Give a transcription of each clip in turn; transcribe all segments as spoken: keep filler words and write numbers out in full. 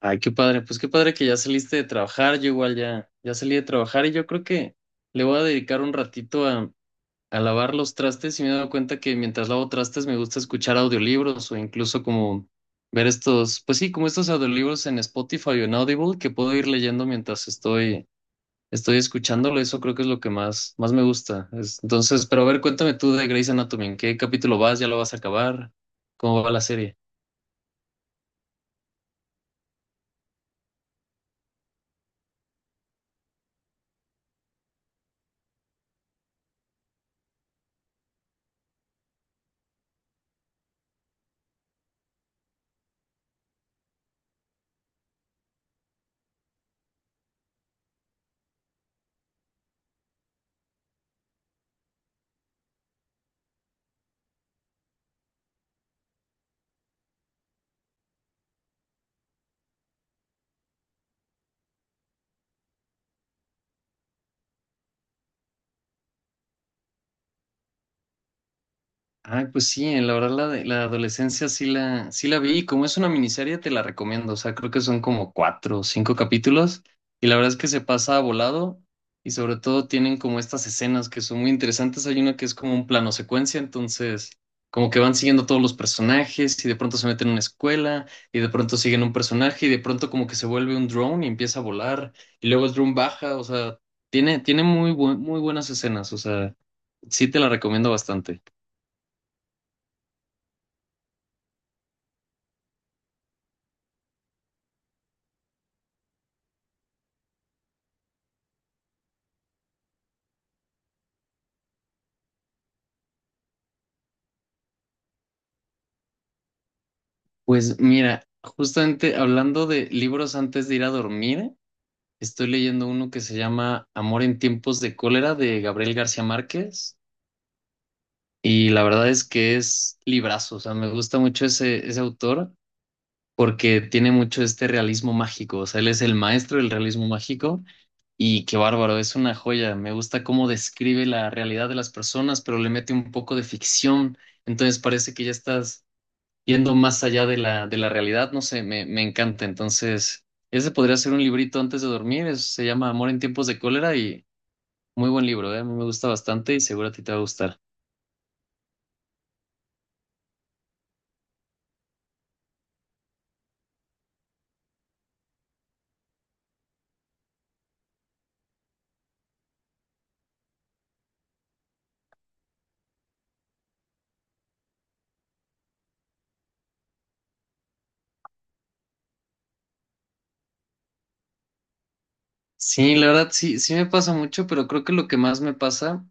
Ay, qué padre, pues qué padre que ya saliste de trabajar, yo igual ya, ya salí de trabajar y yo creo que le voy a dedicar un ratito a, a lavar los trastes y me he dado cuenta que mientras lavo trastes me gusta escuchar audiolibros o incluso como ver estos, pues sí, como estos audiolibros en Spotify o en Audible que puedo ir leyendo mientras estoy, estoy escuchándolo, eso creo que es lo que más, más me gusta. Es- entonces, pero a ver, cuéntame tú de Grey's Anatomy, ¿en qué capítulo vas? ¿Ya lo vas a acabar? ¿Cómo va la serie? Ay, pues sí, eh, la verdad la, de- la adolescencia sí la, sí la vi y como es una miniserie te la recomiendo, o sea, creo que son como cuatro o cinco capítulos y la verdad es que se pasa volado y sobre todo tienen como estas escenas que son muy interesantes, hay una que es como un plano secuencia, entonces como que van siguiendo todos los personajes y de pronto se meten en una escuela y de pronto siguen un personaje y de pronto como que se vuelve un drone y empieza a volar y luego el drone baja, o sea, tiene, tiene muy, bu- muy buenas escenas, o sea, sí te la recomiendo bastante. Pues mira, justamente hablando de libros antes de ir a dormir, estoy leyendo uno que se llama Amor en tiempos de cólera de Gabriel García Márquez y la verdad es que es librazo, o sea, me gusta mucho ese, ese autor porque tiene mucho este realismo mágico, o sea, él es el maestro del realismo mágico y qué bárbaro, es una joya, me gusta cómo describe la realidad de las personas, pero le mete un poco de ficción, entonces parece que ya estás yendo más allá de la, de la realidad, no sé, me, me encanta. Entonces, ese podría ser un librito antes de dormir, es- se llama Amor en tiempos de cólera y muy buen libro, ¿eh? A mí me gusta bastante y seguro a ti te va a gustar. Sí, la verdad, sí, sí me pasa mucho, pero creo que lo que más me pasa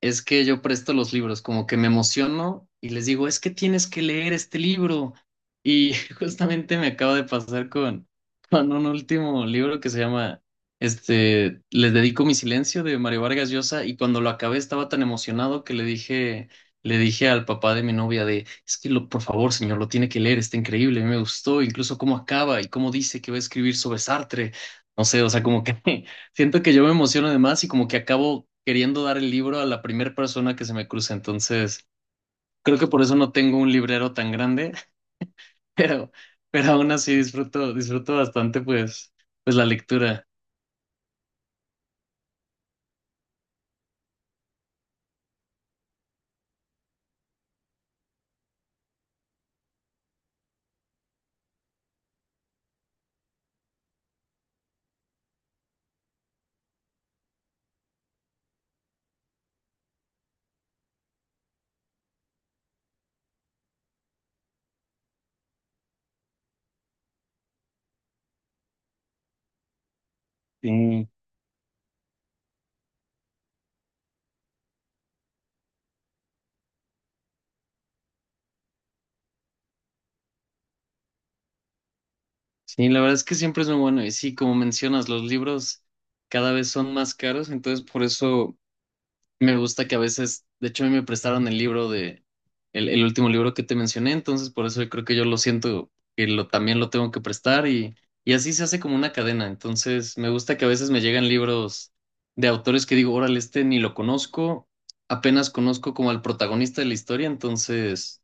es que yo presto los libros, como que me emociono y les digo, es que tienes que leer este libro. Y justamente me acaba de pasar con, con un último libro que se llama, este, Les dedico mi silencio de Mario Vargas Llosa y cuando lo acabé estaba tan emocionado que le dije, le dije al papá de mi novia de, es que lo, por favor, señor, lo tiene que leer, está increíble, a mí me gustó, incluso cómo acaba y cómo dice que va a escribir sobre Sartre. No sé, o sea, como que siento que yo me emociono de más y como que acabo queriendo dar el libro a la primera persona que se me cruce. Entonces, creo que por eso no tengo un librero tan grande, pero, pero aún así disfruto, disfruto bastante pues, pues la lectura. Sí. Sí, la verdad es que siempre es muy bueno. Y sí, como mencionas, los libros cada vez son más caros, entonces por eso me gusta que a veces, de hecho, a mí me prestaron el libro de, el, el último libro que te mencioné, entonces por eso yo creo que yo lo siento que lo, también lo tengo que prestar y, y así se hace como una cadena. Entonces me gusta que a veces me llegan libros de autores que digo, órale, este ni lo conozco, apenas conozco como al protagonista de la historia, entonces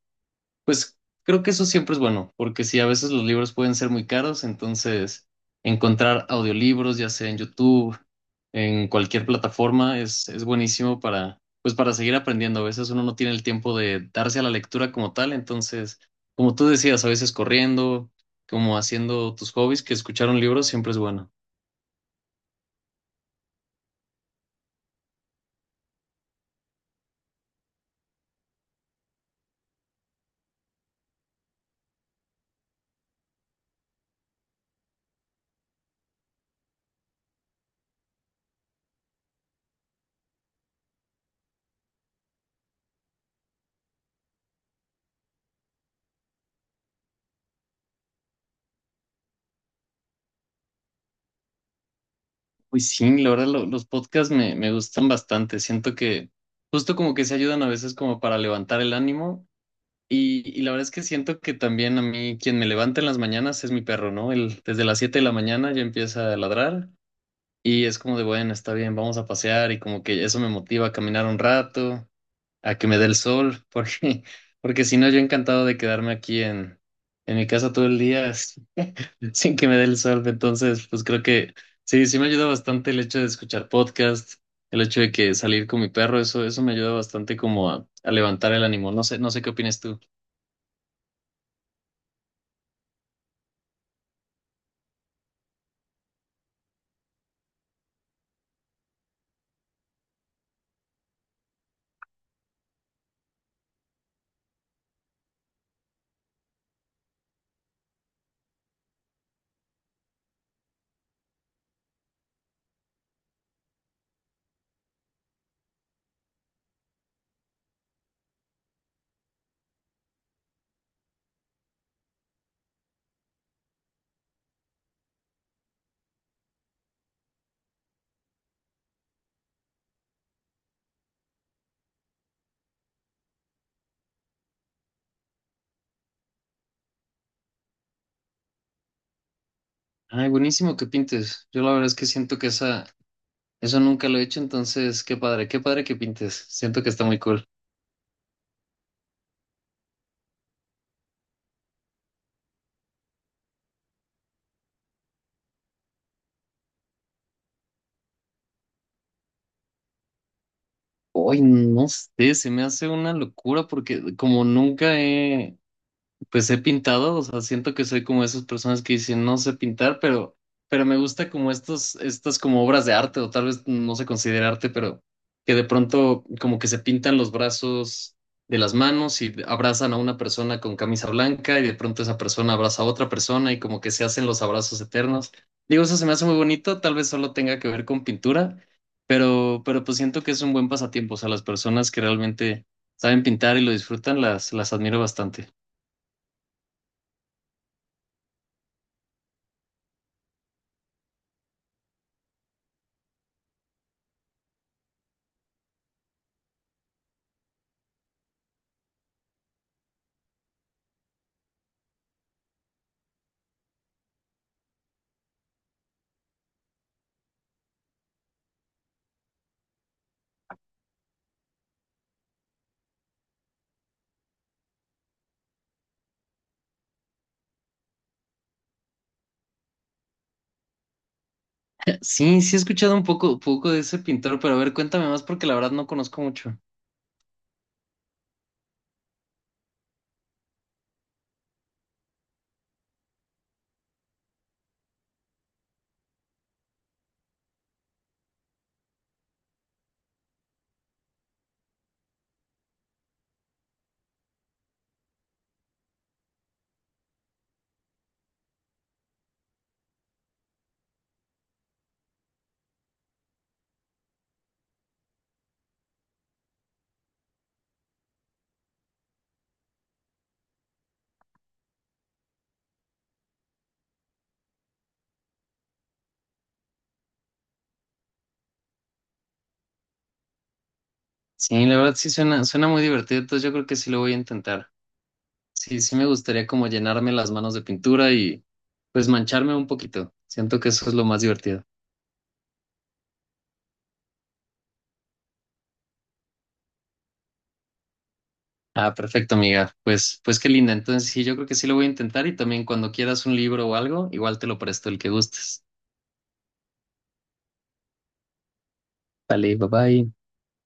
pues creo que eso siempre es bueno, porque sí a veces los libros pueden ser muy caros, entonces encontrar audiolibros, ya sea en YouTube, en cualquier plataforma, es, es buenísimo para, pues para seguir aprendiendo. A veces uno no tiene el tiempo de darse a la lectura como tal, entonces, como tú decías, a veces corriendo, como haciendo tus hobbies, que escuchar un libro siempre es bueno. Pues sí, la verdad, lo- los podcasts me, me gustan bastante. Siento que justo como que se ayudan a veces como para levantar el ánimo Y, y la verdad es que siento que también a mí quien me levanta en las mañanas es mi perro, ¿no? Él desde las siete de la mañana ya empieza a ladrar y es como de, bueno, está bien, vamos a pasear y como que eso me motiva a caminar un rato, a que me dé el sol, porque, porque si no, yo encantado de quedarme aquí en, en mi casa todo el día sin que me dé el sol. Entonces, pues creo que sí, sí me ayuda bastante el hecho de escuchar podcast, el hecho de que salir con mi perro, eso, eso me ayuda bastante como a, a levantar el ánimo. No sé, no sé qué opinas tú. Ay, buenísimo que pintes. Yo la verdad es que siento que esa, eso nunca lo he hecho, entonces qué padre, qué padre que pintes. Siento que está muy cool. Hoy no sé, se me hace una locura porque como nunca he, pues he pintado, o sea, siento que soy como esas personas que dicen no sé pintar, pero, pero me gusta como estos, estas como obras de arte, o tal vez no se considera arte, pero que de pronto como que se pintan los brazos de las manos y abrazan a una persona con camisa blanca y de pronto esa persona abraza a otra persona y como que se hacen los abrazos eternos. Digo, eso se me hace muy bonito, tal vez solo tenga que ver con pintura, pero, pero pues siento que es un buen pasatiempo, o sea, las personas que realmente saben pintar y lo disfrutan, las, las admiro bastante. Sí, sí he escuchado un poco, poco de ese pintor, pero a ver, cuéntame más porque la verdad no conozco mucho. Sí, la verdad sí suena, suena muy divertido, entonces yo creo que sí lo voy a intentar. Sí, sí me gustaría como llenarme las manos de pintura y pues mancharme un poquito. Siento que eso es lo más divertido. Ah, perfecto, amiga. Pues, pues qué linda. Entonces sí, yo creo que sí lo voy a intentar y también cuando quieras un libro o algo, igual te lo presto el que gustes. Vale, bye bye.